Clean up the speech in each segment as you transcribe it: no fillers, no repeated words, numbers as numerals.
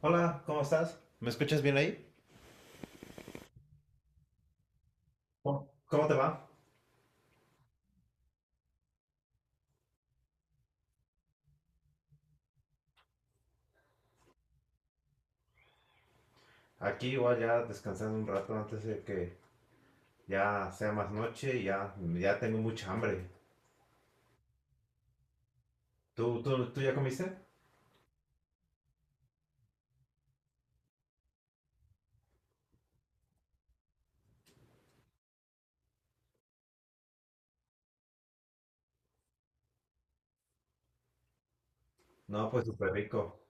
Hola, ¿cómo estás? ¿Me escuchas bien ahí? ¿Cómo te va? Aquí igual ya descansando un rato antes de que ya sea más noche y ya, ya tengo mucha hambre. ¿Tú ya comiste? No, pues súper rico.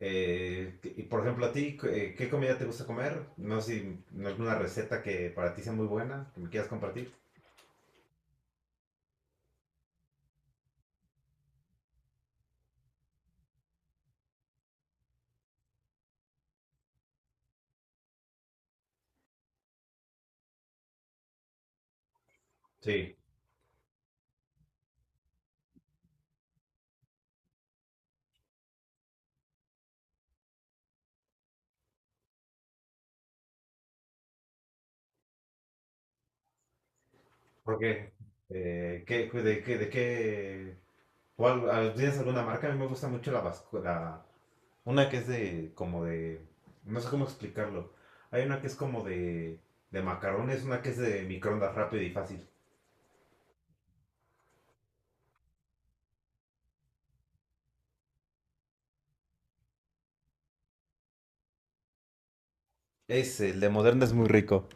Y por ejemplo, a ti, ¿qué comida te gusta comer? No sé si alguna receta que para ti sea muy buena, que me quieras compartir. Sí, ¿por qué? ¿Qué, de, qué, de qué? ¿Cuál, al-? ¿Tienes alguna marca? A mí me gusta mucho la, vasco-. Una que es de, como de, no sé cómo explicarlo. Hay una que es como de macarrones, una que es de microondas rápido y fácil. Es, el de Moderna es muy rico.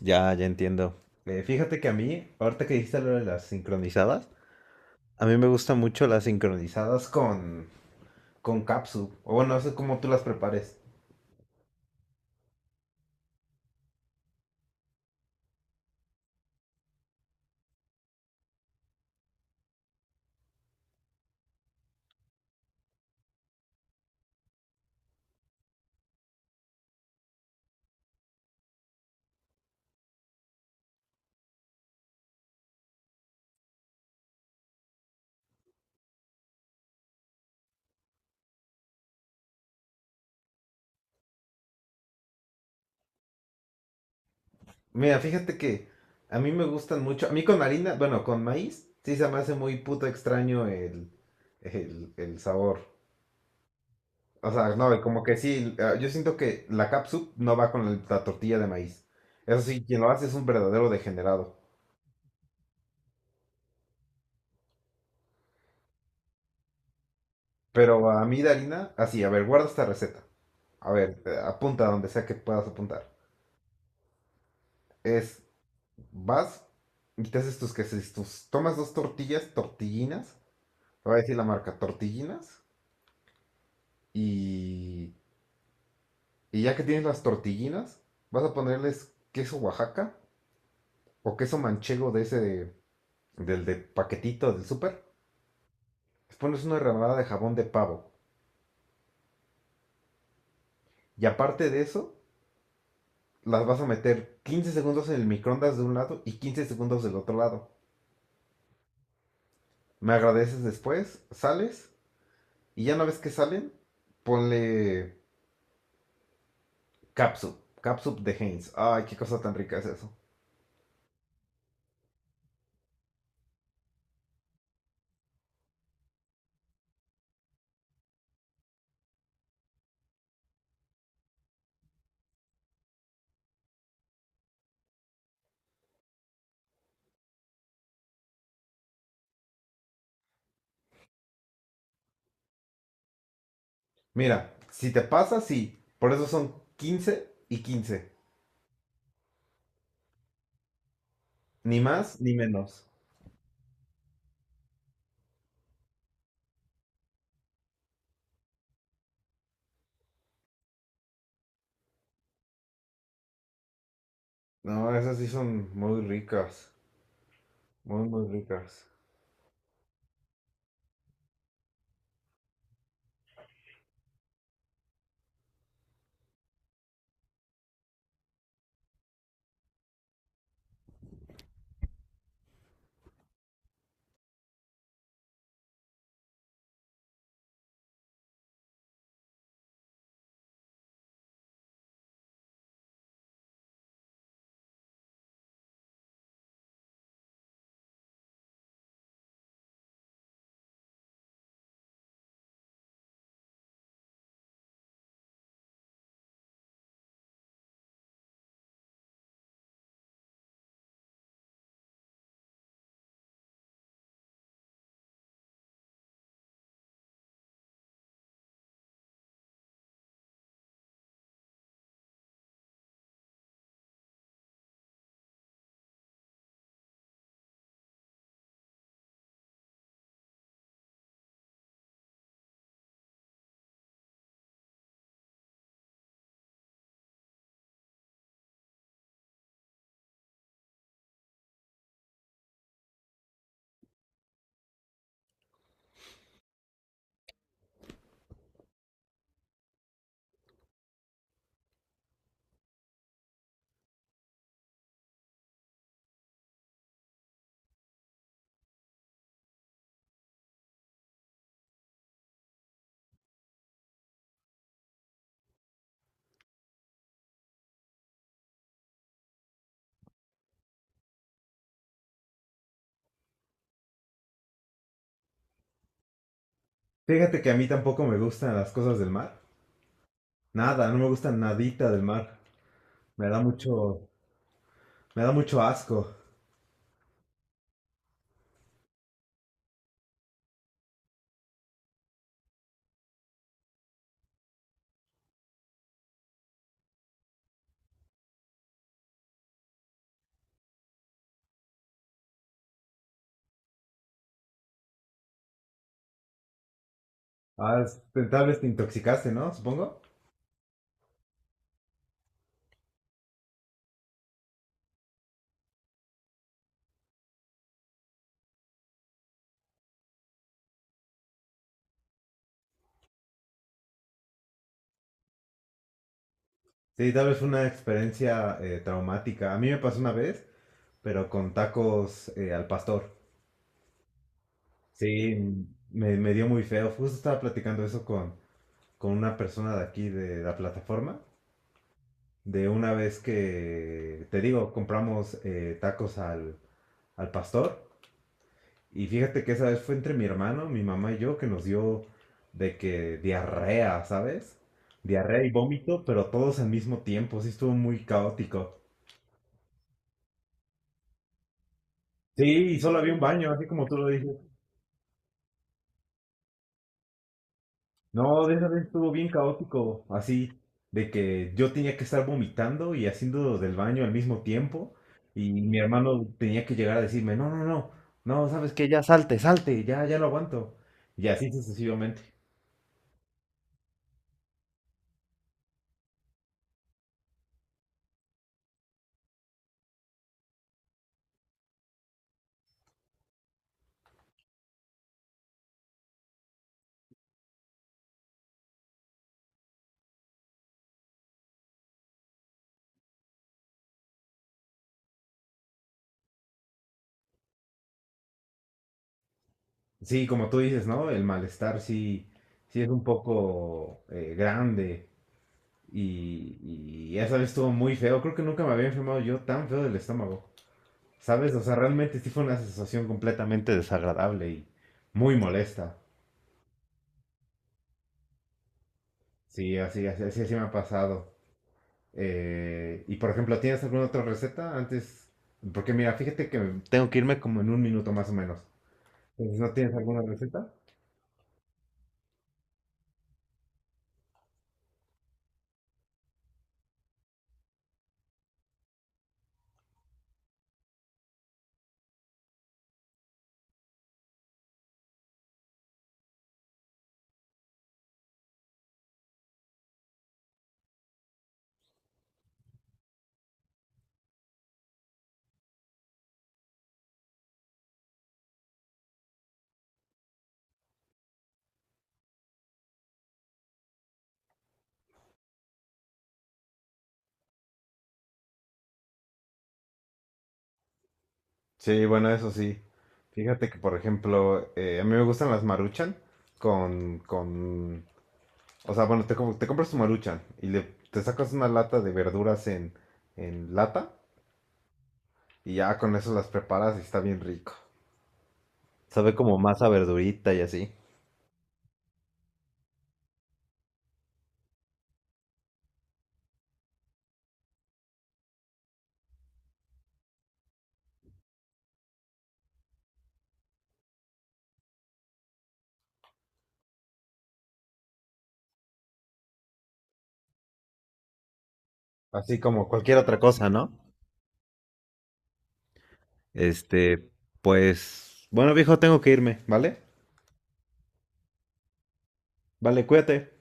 Ya, ya entiendo. Fíjate que a mí, ahorita que dijiste lo de las sincronizadas, a mí me gustan mucho las sincronizadas con capsu. O bueno, no sé cómo tú las prepares. Mira, fíjate que a mí me gustan mucho. A mí con harina, bueno, con maíz, sí se me hace muy puto extraño el sabor. O sea, no, y como que sí, yo siento que la capsup no va con el- la tortilla de maíz. Eso sí, quien lo hace es un verdadero degenerado. Pero a mí de harina, así, a ver, guarda esta receta. A ver, apunta donde sea que puedas apuntar. Es, vas y te haces tus quesos, tus, tomas dos tortillas, tortillinas, te voy a decir la marca, tortillinas, y, y ya que tienes las tortillinas, vas a ponerles queso Oaxaca o queso manchego de ese, de- del de paquetito del súper. Pones una rebanada de jabón de pavo. Y aparte de eso, las vas a meter 15 segundos en el microondas de un lado y 15 segundos del otro lado. Me agradeces después, sales y ya una vez que salen, ponle capsup, capsup de Heinz. Ay, qué cosa tan rica es eso. Mira, si te pasa, sí. Por eso son 15 y 15. Ni más ni menos. No, esas sí son muy ricas. Muy, muy ricas. Fíjate que a mí tampoco me gustan las cosas del mar. Nada, no me gusta nadita del mar. Me da mucho, me da mucho asco. Ah, es- tal vez te intoxicaste, ¿no? Supongo. Sí, tal vez fue una experiencia traumática. A mí me pasó una vez, pero con tacos al pastor. Sí, me dio muy feo. Justo estaba platicando eso con una persona de aquí de la plataforma. De una vez que, te digo, compramos tacos al, al pastor. Y fíjate que esa vez fue entre mi hermano, mi mamá y yo que nos dio de que diarrea, ¿sabes? Diarrea y vómito, pero todos al mismo tiempo, sí estuvo muy caótico. Sí, y solo había un baño, así como tú lo dices. No, de esa vez estuvo bien caótico, así de que yo tenía que estar vomitando y haciendo del baño al mismo tiempo y mi hermano tenía que llegar a decirme, no, no, no, no, ¿sabes qué? Ya salte, salte, ya, ya lo aguanto. Y así sucesivamente. Sí, como tú dices, ¿no? El malestar sí, sí es un poco grande y, y esa vez estuvo muy feo. Creo que nunca me había enfermado yo tan feo del estómago, ¿sabes? O sea, realmente sí fue una sensación completamente desagradable y muy molesta. Sí, así, así, así, así me ha pasado. Y por ejemplo, ¿tienes alguna otra receta antes? Porque mira, fíjate que tengo que irme como en un minuto más o menos. Entonces, ¿no tienes alguna receta? Sí, bueno, eso sí. Fíjate que, por ejemplo, a mí me gustan las Maruchan con, o sea, bueno, te, com- te compras tu Maruchan y le, te sacas una lata de verduras en lata y ya con eso las preparas y está bien rico. Sabe como masa verdurita y así. Así como cualquier otra cosa, ¿no? Este, pues, bueno, viejo, tengo que irme, ¿vale? Vale, cuídate.